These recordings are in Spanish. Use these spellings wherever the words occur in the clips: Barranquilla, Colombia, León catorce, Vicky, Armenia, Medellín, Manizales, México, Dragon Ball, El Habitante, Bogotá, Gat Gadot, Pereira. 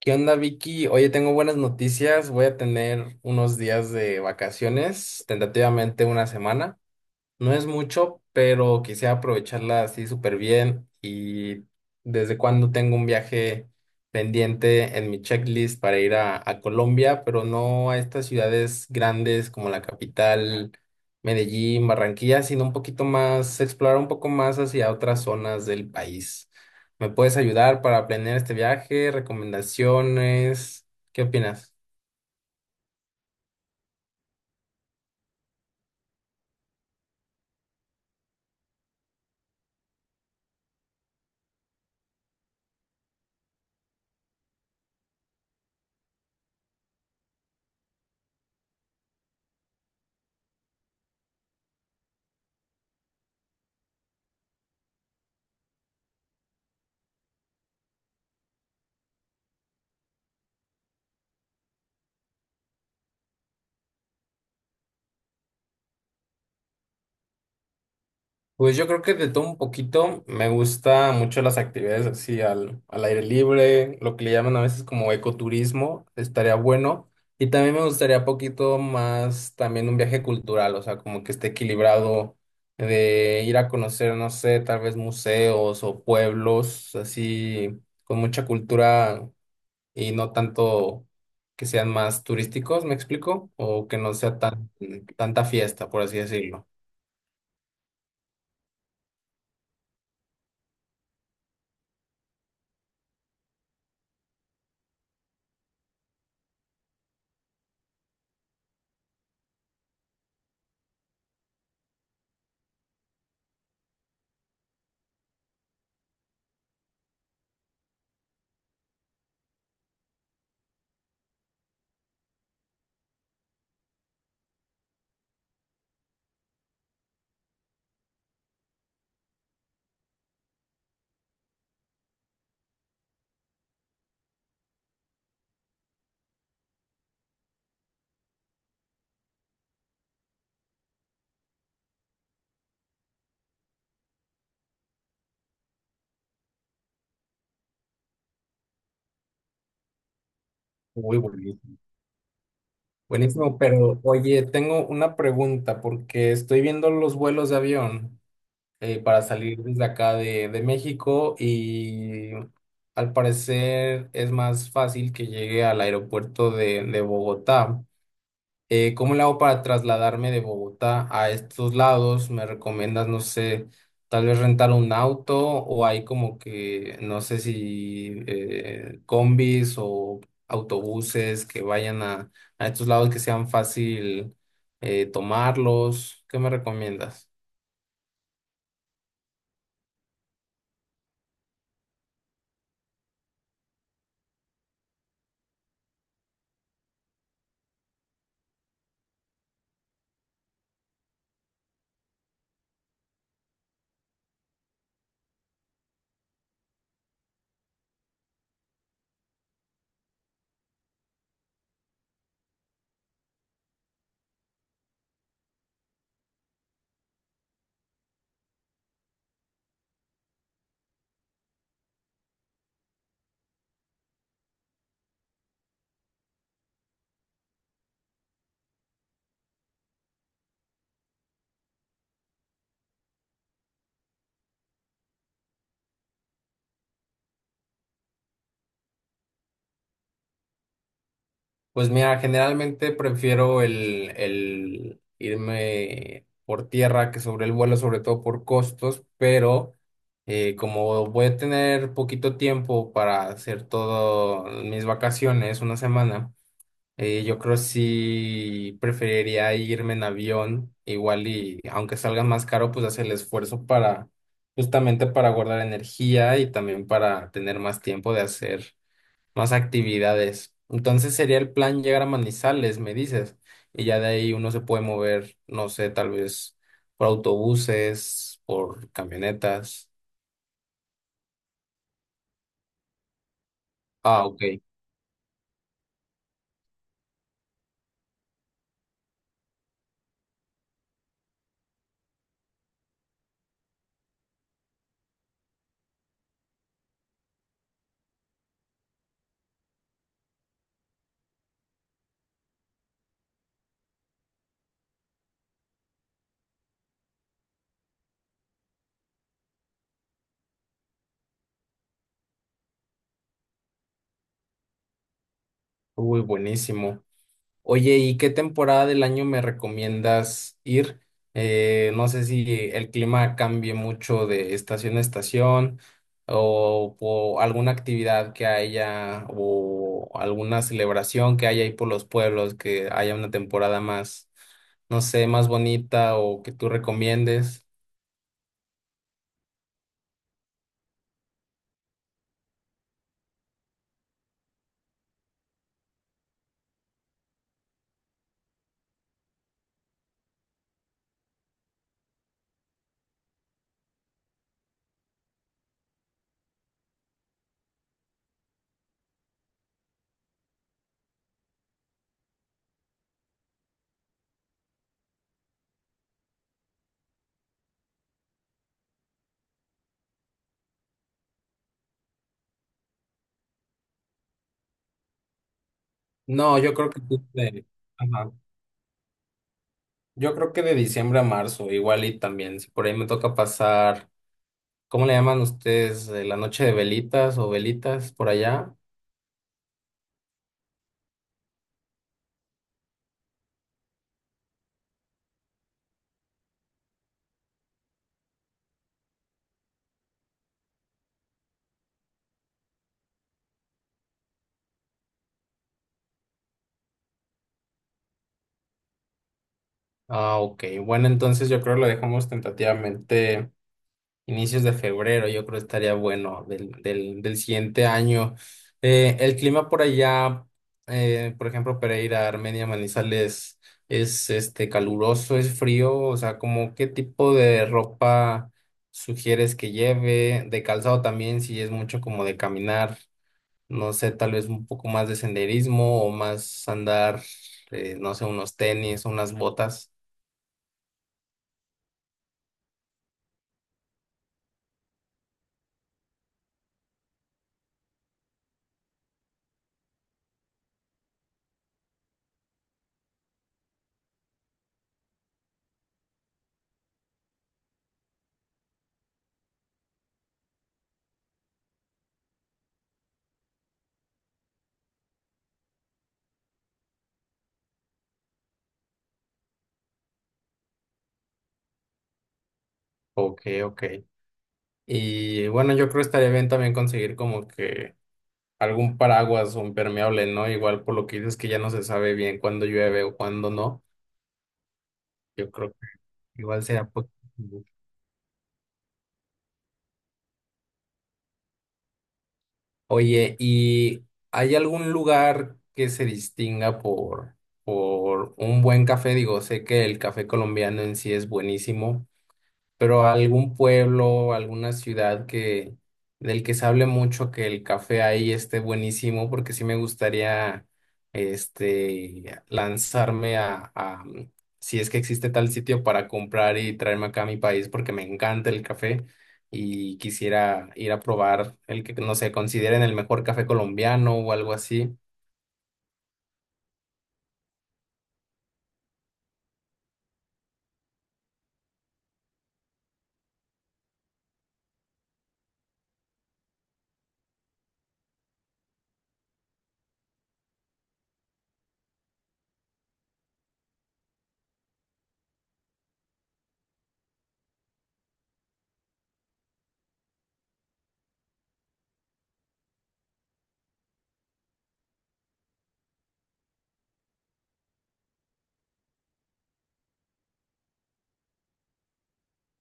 ¿Qué onda, Vicky? Oye, tengo buenas noticias. Voy a tener unos días de vacaciones, tentativamente una semana. No es mucho, pero quisiera aprovecharla así súper bien y desde cuando tengo un viaje pendiente en mi checklist para ir a Colombia, pero no a estas ciudades grandes como la capital, Medellín, Barranquilla, sino un poquito más, explorar un poco más hacia otras zonas del país. ¿Me puedes ayudar para planear este viaje? ¿Recomendaciones? ¿Qué opinas? Pues yo creo que de todo un poquito me gusta mucho las actividades así al aire libre, lo que le llaman a veces como ecoturismo, estaría bueno. Y también me gustaría poquito más también un viaje cultural, o sea, como que esté equilibrado de ir a conocer, no sé, tal vez museos o pueblos así con mucha cultura y no tanto que sean más turísticos, ¿me explico? O que no sea tan tanta fiesta, por así decirlo. Muy bueno. Buenísimo, pero oye, tengo una pregunta porque estoy viendo los vuelos de avión para salir desde acá de México y al parecer es más fácil que llegue al aeropuerto de Bogotá. ¿Cómo le hago para trasladarme de Bogotá a estos lados? ¿Me recomiendas, no sé, tal vez rentar un auto o hay como que, no sé si combis o autobuses que vayan a estos lados que sean fácil tomarlos? ¿Qué me recomiendas? Pues mira, generalmente prefiero el irme por tierra que sobre el vuelo, sobre todo por costos, pero como voy a tener poquito tiempo para hacer todas mis vacaciones, una semana, yo creo sí preferiría irme en avión, igual y aunque salga más caro, pues hacer el esfuerzo para, justamente para guardar energía y también para tener más tiempo de hacer más actividades. Entonces sería el plan llegar a Manizales, me dices, y ya de ahí uno se puede mover, no sé, tal vez por autobuses, por camionetas. Ah, ok. Uy, buenísimo. Oye, ¿y qué temporada del año me recomiendas ir? No sé si el clima cambie mucho de estación a estación o alguna actividad que haya o alguna celebración que haya ahí por los pueblos, que haya una temporada más, no sé, más bonita o que tú recomiendes. No, yo creo que tú de- ajá. Yo creo que de diciembre a marzo, igual y también, si por ahí me toca pasar. ¿Cómo le llaman ustedes? ¿La noche de velitas o velitas por allá? Ah, ok. Bueno, entonces yo creo lo dejamos tentativamente inicios de febrero. Yo creo estaría bueno del siguiente año. El clima por allá, por ejemplo, Pereira, Armenia, Manizales, es este caluroso, es frío. O sea, como qué tipo de ropa sugieres que lleve, de calzado también, si es mucho como de caminar. No sé, tal vez un poco más de senderismo o más andar, no sé, unos tenis, unas botas. Ok, ok. Y bueno, yo creo que estaría bien también conseguir como que algún paraguas o impermeable, ¿no? Igual por lo que dices que ya no se sabe bien cuándo llueve o cuándo no. Yo creo que igual sea positivo. Oye, ¿y hay algún lugar que se distinga por un buen café? Digo, sé que el café colombiano en sí es buenísimo pero algún pueblo, alguna ciudad que del que se hable mucho que el café ahí esté buenísimo, porque sí me gustaría este lanzarme a, si es que existe tal sitio para comprar y traerme acá a mi país, porque me encanta el café y quisiera ir a probar el que no sé, consideren el mejor café colombiano o algo así.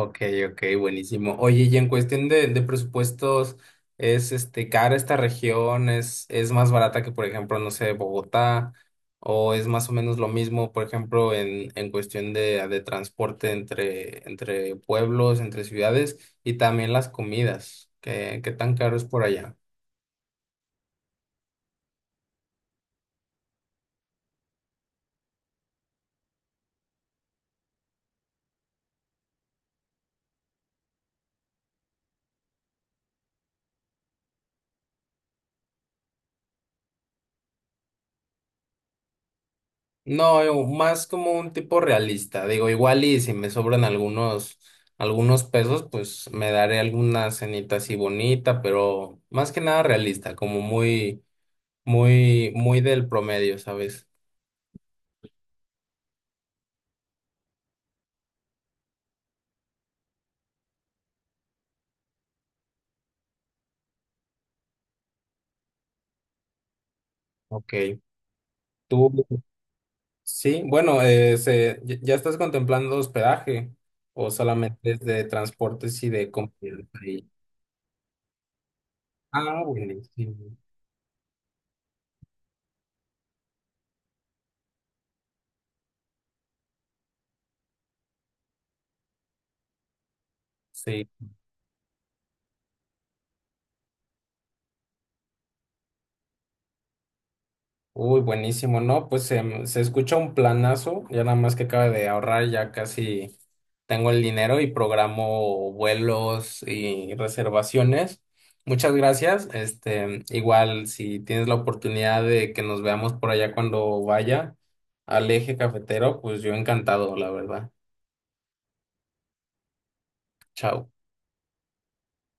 Ok, ok, buenísimo. Oye, y en cuestión de presupuestos, ¿es este cara esta región? Es más barata que, por ejemplo, no sé, Bogotá? ¿O es más o menos lo mismo, por ejemplo, en cuestión de transporte entre, entre pueblos, entre ciudades y también las comidas? ¿Qué, qué tan caro es por allá? No, yo más como un tipo realista. Digo, igual y si me sobran algunos, algunos pesos, pues me daré alguna cenita así bonita, pero más que nada realista, como muy, muy, muy del promedio, ¿sabes? Ok. Tú, sí, bueno, ¿ya estás contemplando hospedaje o solamente es de transportes y de comida? Ah, buenísimo. Sí. Uy, buenísimo, ¿no? Pues se, se escucha un planazo, ya nada más que acaba de ahorrar, ya casi tengo el dinero y programo vuelos y reservaciones. Muchas gracias. Este, igual si tienes la oportunidad de que nos veamos por allá cuando vaya al eje cafetero, pues yo encantado, la verdad. Chao.